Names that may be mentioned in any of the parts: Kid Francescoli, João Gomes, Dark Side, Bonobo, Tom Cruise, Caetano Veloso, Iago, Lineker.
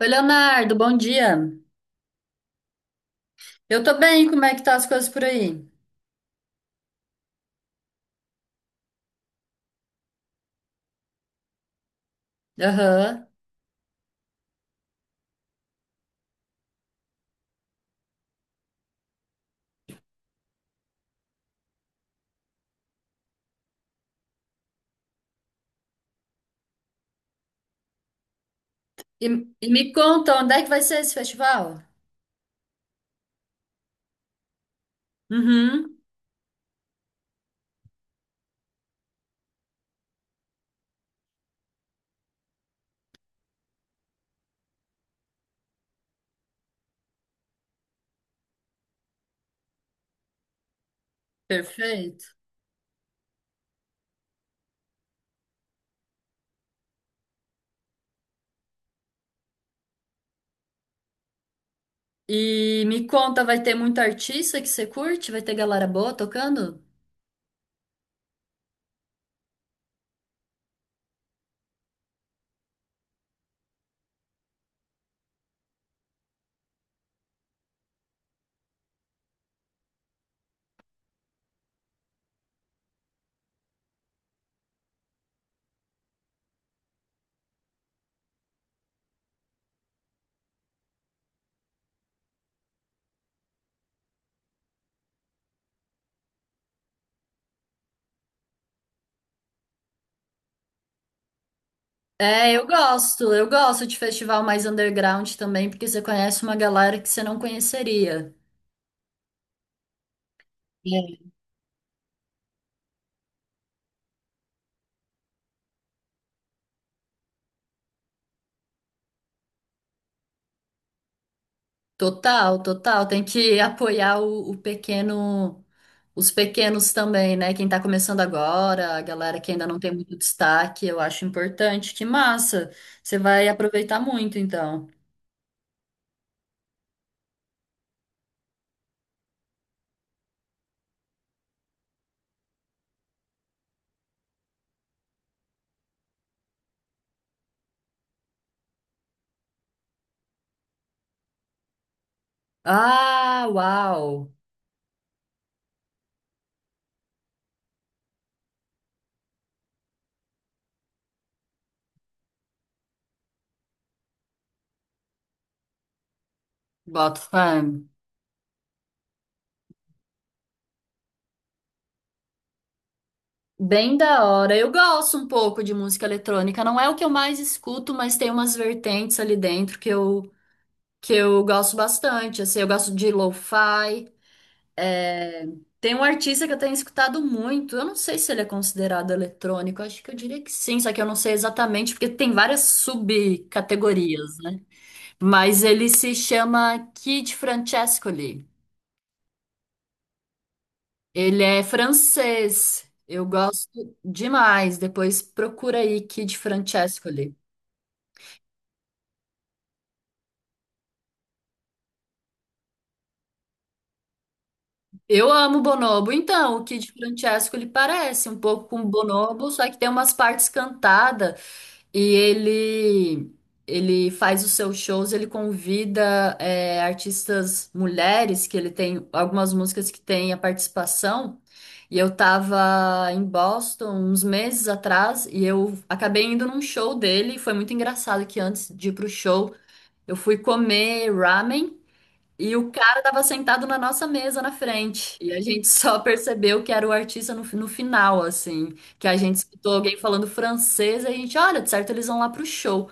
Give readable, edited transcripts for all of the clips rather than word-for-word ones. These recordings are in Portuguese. Oi, Leonardo, bom dia. Eu tô bem, como é que tá as coisas por aí? Aham. E, e me conta, onde é que vai ser esse festival? Uhum, perfeito. E me conta, vai ter muito artista que você curte? Vai ter galera boa tocando? É, eu gosto de festival mais underground também, porque você conhece uma galera que você não conheceria. Total, total. Tem que apoiar o pequeno, os pequenos também, né? Quem tá começando agora, a galera que ainda não tem muito destaque, eu acho importante. Que massa! Você vai aproveitar muito, então. Ah, uau! Boto fé. Bem da hora. Eu gosto um pouco de música eletrônica. Não é o que eu mais escuto, mas tem umas vertentes ali dentro que eu gosto bastante. Assim, eu gosto de lo-fi. É, tem um artista que eu tenho escutado muito. Eu não sei se ele é considerado eletrônico. Acho que eu diria que sim, só que eu não sei exatamente, porque tem várias subcategorias, né? Mas ele se chama Kid Francescoli. Ele é francês. Eu gosto demais. Depois procura aí Kid Francescoli. Eu amo Bonobo. Então, o Kid Francescoli parece um pouco com Bonobo, só que tem umas partes cantadas. E ele faz os seus shows, ele convida artistas mulheres, que ele tem algumas músicas que tem a participação. E eu tava em Boston uns meses atrás e eu acabei indo num show dele. Foi muito engraçado que, antes de ir pro show, eu fui comer ramen. E o cara tava sentado na nossa mesa na frente. E a gente só percebeu que era o artista no, no final, assim. Que a gente escutou alguém falando francês e a gente, olha, de certo eles vão lá pro show.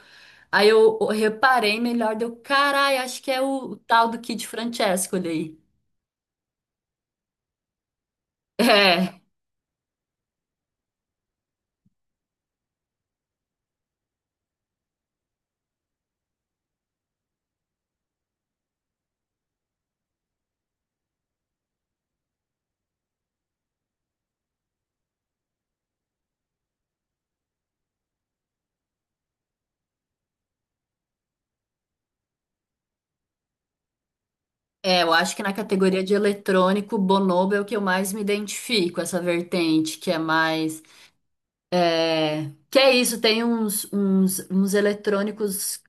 Aí eu reparei melhor, deu, carai, acho que é o tal do Kid Francesco ali. É, eu acho que na categoria de eletrônico, Bonobo é o que eu mais me identifico, essa vertente, que é mais. É, que é isso, tem uns eletrônicos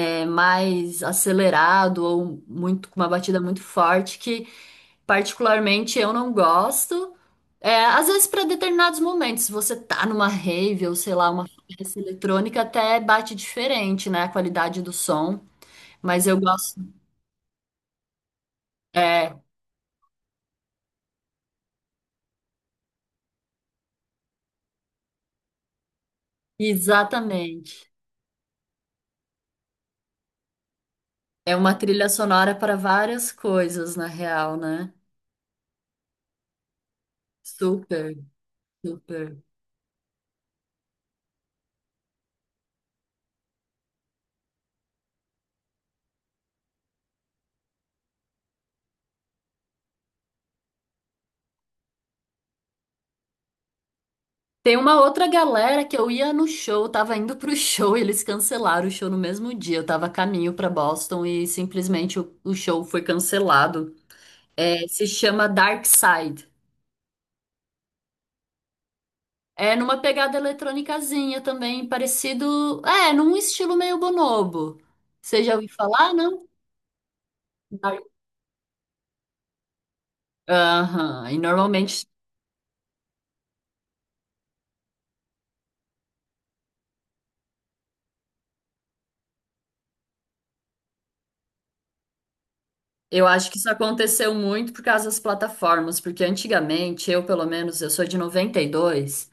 é mais acelerado ou muito com uma batida muito forte que particularmente eu não gosto. É, às vezes para determinados momentos, se você tá numa rave ou sei lá, uma festa eletrônica até bate diferente, né, a qualidade do som, mas eu gosto. É, exatamente. É uma trilha sonora para várias coisas, na real, né? Super, super. Tem uma outra galera que eu ia no show, eu tava indo pro show e eles cancelaram o show no mesmo dia. Eu tava a caminho pra Boston e simplesmente o show foi cancelado. É, se chama Dark Side. É numa pegada eletrônicazinha também, parecido. É, num estilo meio bonobo. Você já ouviu falar, não? Dark- Aham. E normalmente eu acho que isso aconteceu muito por causa das plataformas, porque antigamente, eu pelo menos, eu sou de 92.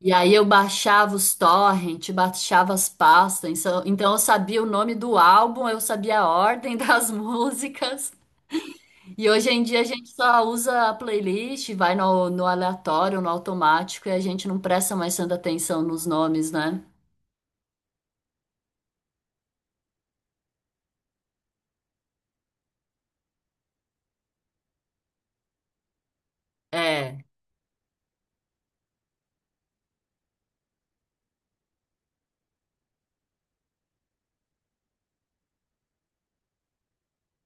E aí eu baixava os torrent, baixava as pastas, então eu sabia o nome do álbum, eu sabia a ordem das músicas. E hoje em dia a gente só usa a playlist, vai no, no aleatório, no automático, e a gente não presta mais tanta atenção nos nomes, né? É,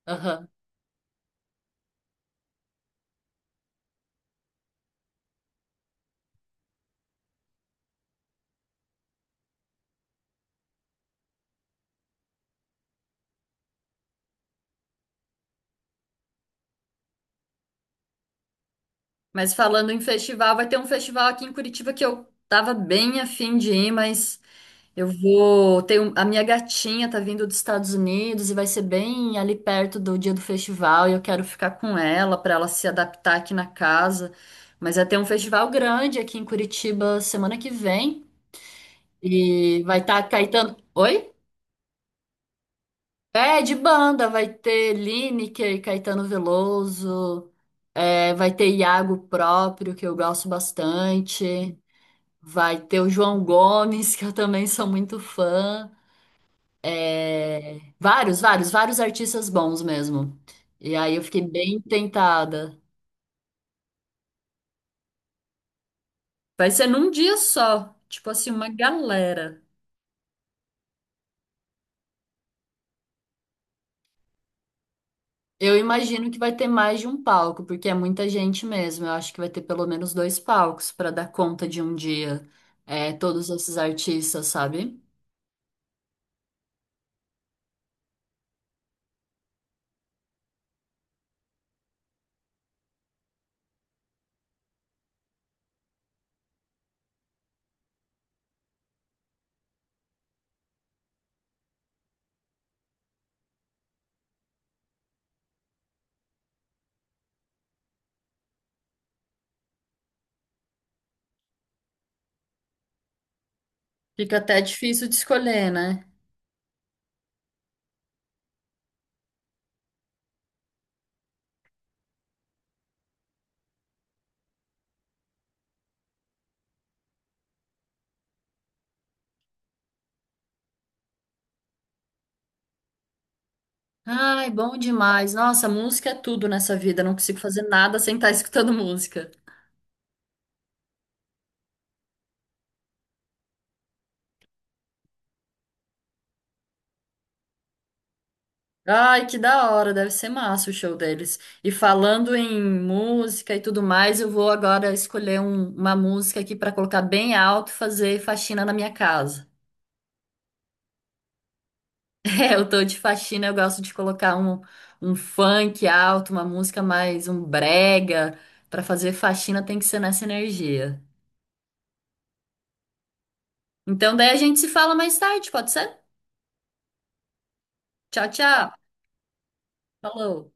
aham. Mas falando em festival, vai ter um festival aqui em Curitiba que eu tava bem afim de ir, mas. Eu vou. Tenho, a minha gatinha tá vindo dos Estados Unidos e vai ser bem ali perto do dia do festival. E eu quero ficar com ela para ela se adaptar aqui na casa. Mas vai ter um festival grande aqui em Curitiba semana que vem. E vai estar Caetano. Oi? É, de banda. Vai ter Lineker, Caetano Veloso. É, vai ter Iago próprio, que eu gosto bastante. Vai ter o João Gomes, que eu também sou muito fã. É, vários artistas bons mesmo. E aí eu fiquei bem tentada. Vai ser num dia só, tipo assim, uma galera. Eu imagino que vai ter mais de um palco, porque é muita gente mesmo. Eu acho que vai ter pelo menos dois palcos para dar conta de um dia, é, todos esses artistas, sabe? Fica até difícil de escolher, né? Ai, bom demais. Nossa, música é tudo nessa vida. Eu não consigo fazer nada sem estar escutando música. Ai, que da hora, deve ser massa o show deles. E falando em música e tudo mais, eu vou agora escolher uma música aqui para colocar bem alto e fazer faxina na minha casa. É, eu tô de faxina, eu gosto de colocar um, um funk alto, uma música mais um brega. Para fazer faxina tem que ser nessa energia. Então, daí a gente se fala mais tarde, pode ser? Tchau, tchau. Falou.